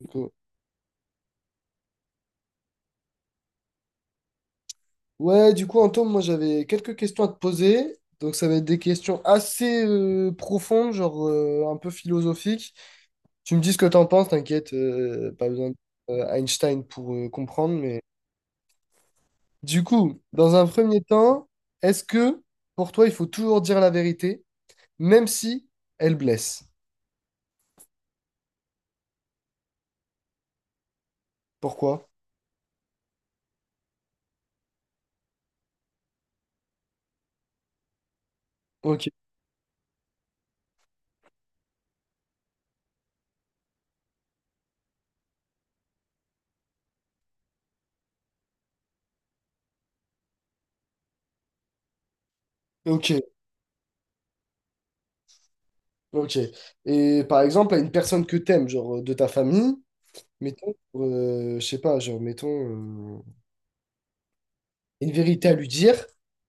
Donc, ouais, du coup, Antoine, moi j'avais quelques questions à te poser. Donc, ça va être des questions assez profondes, genre un peu philosophiques. Tu me dis ce que t'en penses, t'inquiète, pas besoin d'Einstein pour comprendre. Mais du coup, dans un premier temps, est-ce que pour toi il faut toujours dire la vérité, même si elle blesse? Pourquoi? Ok, ok, ok. Et par exemple, à une personne que t'aimes, genre de ta famille, mettons, je sais pas, genre mettons, une vérité à lui dire,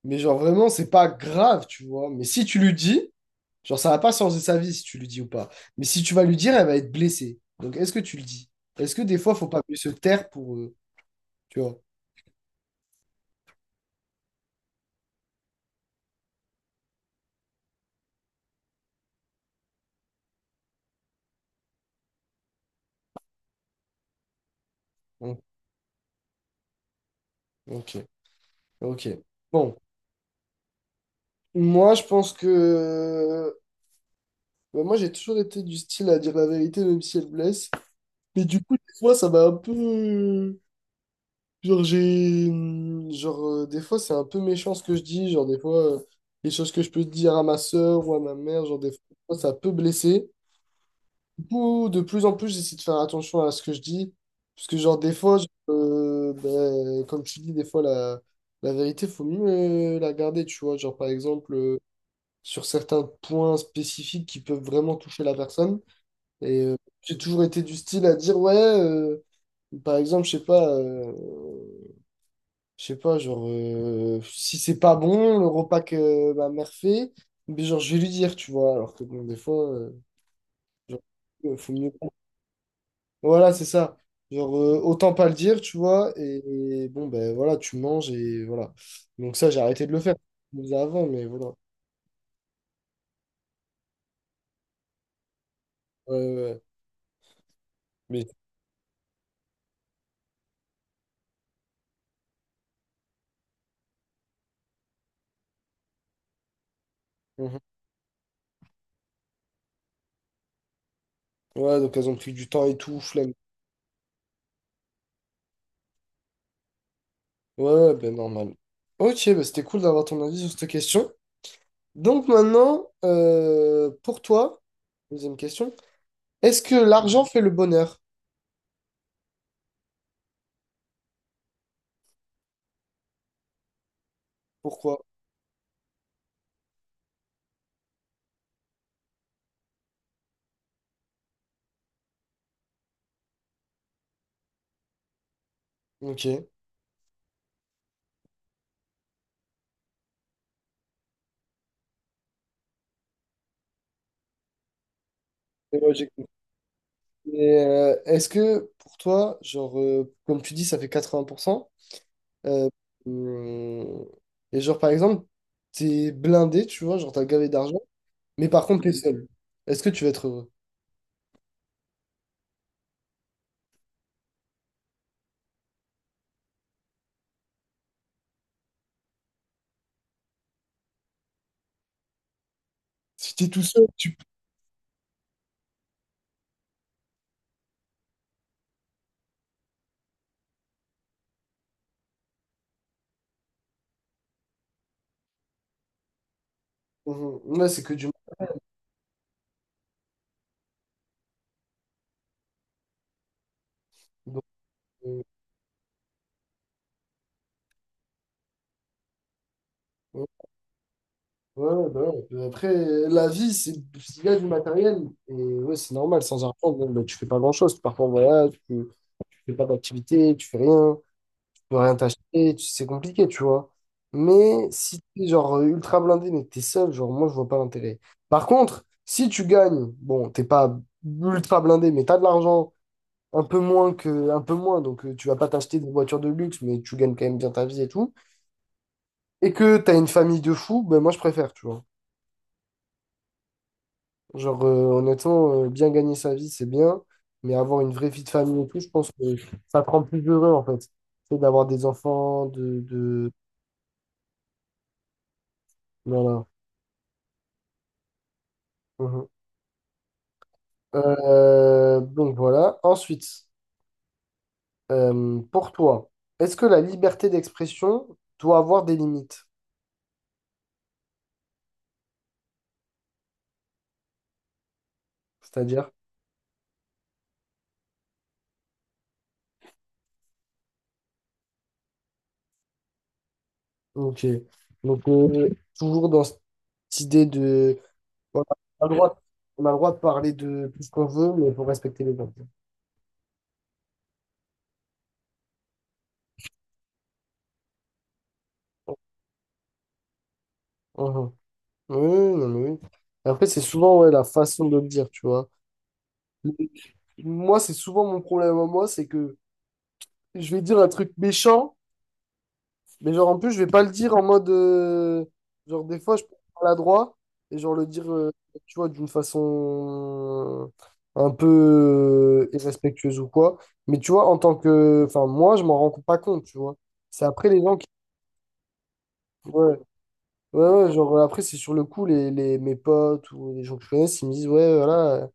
mais genre vraiment, c'est pas grave, tu vois. Mais si tu lui dis, genre ça va pas changer sa vie si tu lui dis ou pas. Mais si tu vas lui dire, elle va être blessée. Donc est-ce que tu le dis? Est-ce que des fois, faut pas mieux se taire pour, tu vois? Bon. Ok, ok. Bon, moi je pense que bah, moi j'ai toujours été du style à dire la vérité même si elle blesse. Mais du coup, des fois, ça m'a un peu... Genre, j'ai. Genre, des fois, c'est un peu méchant ce que je dis. Genre, des fois, les choses que je peux dire à ma sœur ou à ma mère, genre, des fois, ça peut blesser. Du coup, de plus en plus, j'essaie de faire attention à ce que je dis. Parce que, genre, des fois, ben, comme tu dis, des fois, la vérité, faut mieux la garder, tu vois. Genre, par exemple, sur certains points spécifiques qui peuvent vraiment toucher la personne. Et j'ai toujours été du style à dire, ouais. Par exemple, je sais pas, genre, si c'est pas bon, le repas que ma mère fait, mais genre, je vais lui dire, tu vois, alors que bon, des fois, genre, faut mieux pas. Voilà, c'est ça. Genre, autant pas le dire, tu vois, et bon, ben voilà, tu manges et voilà. Donc, ça, j'ai arrêté de le faire. Je le faisais avant, mais voilà. Ouais, ouais, ouais. Mais, mhm. Ouais, donc elles ont pris du temps et tout, flemme. Ouais, ouais, ben normal. Ok, ben c'était cool d'avoir ton avis sur cette question. Donc, maintenant, pour toi, deuxième question. Est-ce que l'argent fait le bonheur? Pourquoi? Ok. Et ouais, j'ai compris. Et, est-ce que pour toi, genre, comme tu dis, ça fait 80%, euh, hum, et genre, par exemple, t'es blindé, tu vois, genre, t'as gavé d'argent, mais par contre, t'es seul. Est-ce que tu vas être heureux? Si t'es tout seul, tu... Mhm. Ouais, c'est que du... Donc, euh, ouais, ouais, ouais, bah ouais. Après, la vie, c'est il y a du matériel, et ouais, c'est normal, sans argent, bon, bah, tu fais pas grand-chose. Tu pars en voyage, tu fais pas d'activité, tu fais rien. Peux rien t'acheter, tu- c'est compliqué, tu vois. Mais si t'es genre ultra blindé, mais que t'es seul, genre moi je vois pas l'intérêt. Par contre, si tu gagnes, bon, t'es pas ultra blindé, mais t'as de l'argent un peu moins, donc tu vas pas t'acheter des voitures de luxe, mais tu gagnes quand même bien ta vie et tout, et que t'as une famille de fous, ben moi je préfère, tu vois. Genre honnêtement, bien gagner sa vie, c'est bien, mais avoir une vraie vie de famille et tout, je pense que ça te rend plus heureux en fait. C'est d'avoir des enfants, de... Voilà. Donc voilà. Ensuite, pour toi, est-ce que la liberté d'expression doit avoir des limites? C'est-à-dire, ok. Donc toujours dans cette idée de, voilà, on a le droit, on a le droit de parler de tout ce qu'on veut, mais il faut respecter les gens. Mhm. Oui, non, mais oui. Après, c'est souvent ouais, la façon de le dire, tu vois. Moi, c'est souvent mon problème à moi, c'est que je vais dire un truc méchant. Mais genre, en plus, je vais pas le dire en mode, genre, des fois, je peux être maladroit et genre le dire, tu vois, d'une façon un peu irrespectueuse ou quoi. Mais tu vois, en tant que... Enfin, moi, je m'en rends pas compte, tu vois. C'est après les gens qui... Ouais, ouais, genre, après, c'est sur le coup, mes potes ou les gens que je connais, ils me disent, ouais, voilà,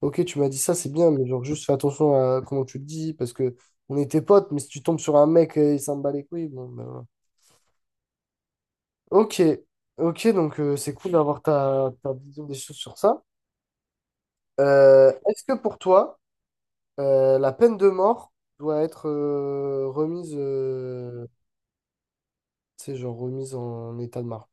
ok, tu m'as dit ça, c'est bien, mais genre, juste fais attention à comment tu le dis parce que on était potes, mais si tu tombes sur un mec et il s'en bat les couilles, bon, ben... Ok, ok, donc c'est cool d'avoir ta vision des choses sur ça. Est-ce que pour toi, la peine de mort doit être remise, tu sais, genre remise en état de marche?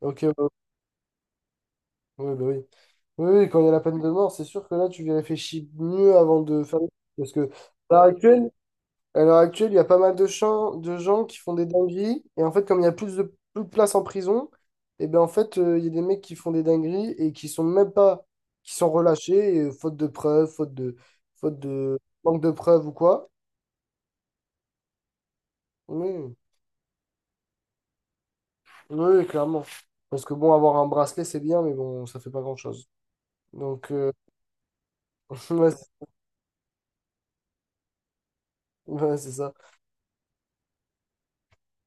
Ok, ouais, ouais, bah oui. Oui, oui, quand il y a la peine de mort, c'est sûr que là, tu y réfléchis mieux avant de faire. Parce que à l'heure actuelle... À l'heure actuelle, il y a pas mal de gens qui font des dingueries. Et en fait, comme il y a plus de place en prison, et ben en fait, il y a des mecs qui font des dingueries et qui sont même pas, qui sont relâchés, et, faute de preuves, faute de manque de preuves ou quoi. Oui, oui, clairement. Parce que bon, avoir un bracelet, c'est bien, mais bon, ça fait pas grand-chose. Donc, ouais, c'est ouais, c'est ça.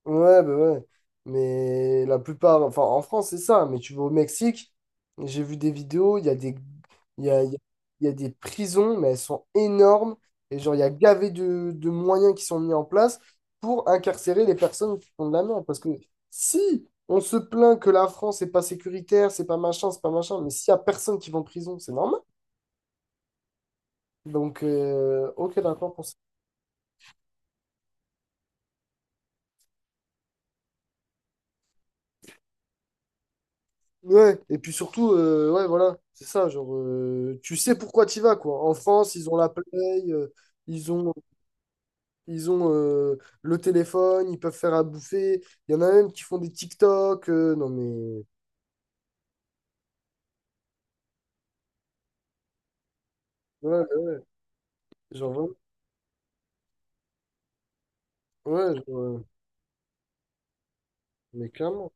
Ouais, bah ouais. Mais la plupart, enfin en France, c'est ça. Mais tu vas au Mexique, j'ai vu des vidéos, il y a, il y a il y a des prisons, mais elles sont énormes. Et genre, il y a gavé de moyens qui sont mis en place pour incarcérer les personnes qui font de la merde. Parce que si on se plaint que la France n'est pas sécuritaire, c'est pas machin, mais s'il y a personne qui va en prison, c'est normal. Donc, ok, d'accord pour ça. Ouais, et puis surtout, ouais, voilà, c'est ça, genre, tu sais pourquoi tu vas, quoi. En France, ils ont la Play, euh, ils ont, ils ont le téléphone, ils peuvent faire à bouffer. Il y en a même qui font des TikTok. Non, mais, Ouais, genre, vraiment, ouais, genre, mais clairement.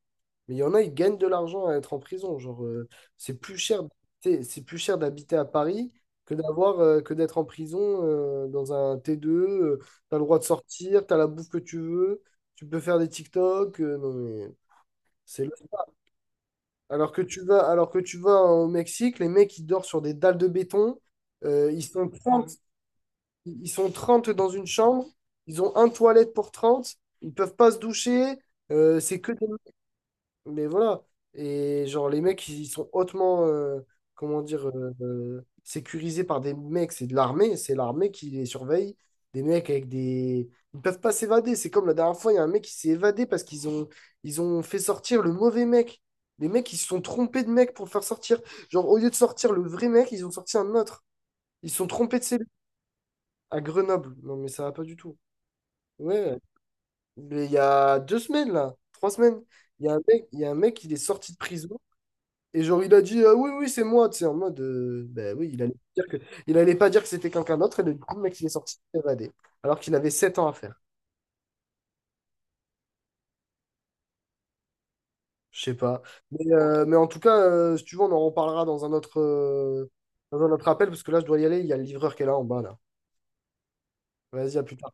Mais il y en a, ils gagnent de l'argent à être en prison. Genre, c'est plus cher d'habiter à Paris que d'avoir, que d'être en prison dans un T2. Tu t'as le droit de sortir, t'as la bouffe que tu veux, tu peux faire des TikTok. Non, mais c'est le-. Alors que alors que tu vas au Mexique, les mecs, ils dorment sur des dalles de béton. euh, ils sont 30 Ils sont 30 dans une chambre. Ils ont un toilette pour 30. Ils peuvent pas se doucher. C'est que Mais voilà. Et genre, les mecs, ils sont hautement, comment dire, sécurisés par des mecs. C'est de l'armée, c'est l'armée qui les surveille. Des mecs avec des... Ils ne peuvent pas s'évader. C'est comme la dernière fois, il y a un mec qui s'est évadé parce ils ont fait sortir le mauvais mec. Les mecs, ils se sont trompés de mec pour le faire sortir. Genre, au lieu de sortir le vrai mec, ils ont sorti un autre. Ils se sont trompés de cellule à Grenoble. Non, mais ça va pas du tout. Ouais, mais il y a 2 semaines, là, 3 semaines, il y a un mec, il est sorti de prison. Et genre, il a dit «Ah oui, oui, c'est moi», tu sais, en mode, ben oui, il allait pas dire que c'était quelqu'un d'autre, et du coup, le mec, il est sorti évadé, alors qu'il avait 7 ans à faire. Je sais pas. Mais en tout cas, si tu veux, on en reparlera dans un autre appel, parce que là, je dois y aller, il y a le livreur qui est là en bas, là. Vas-y, à plus tard.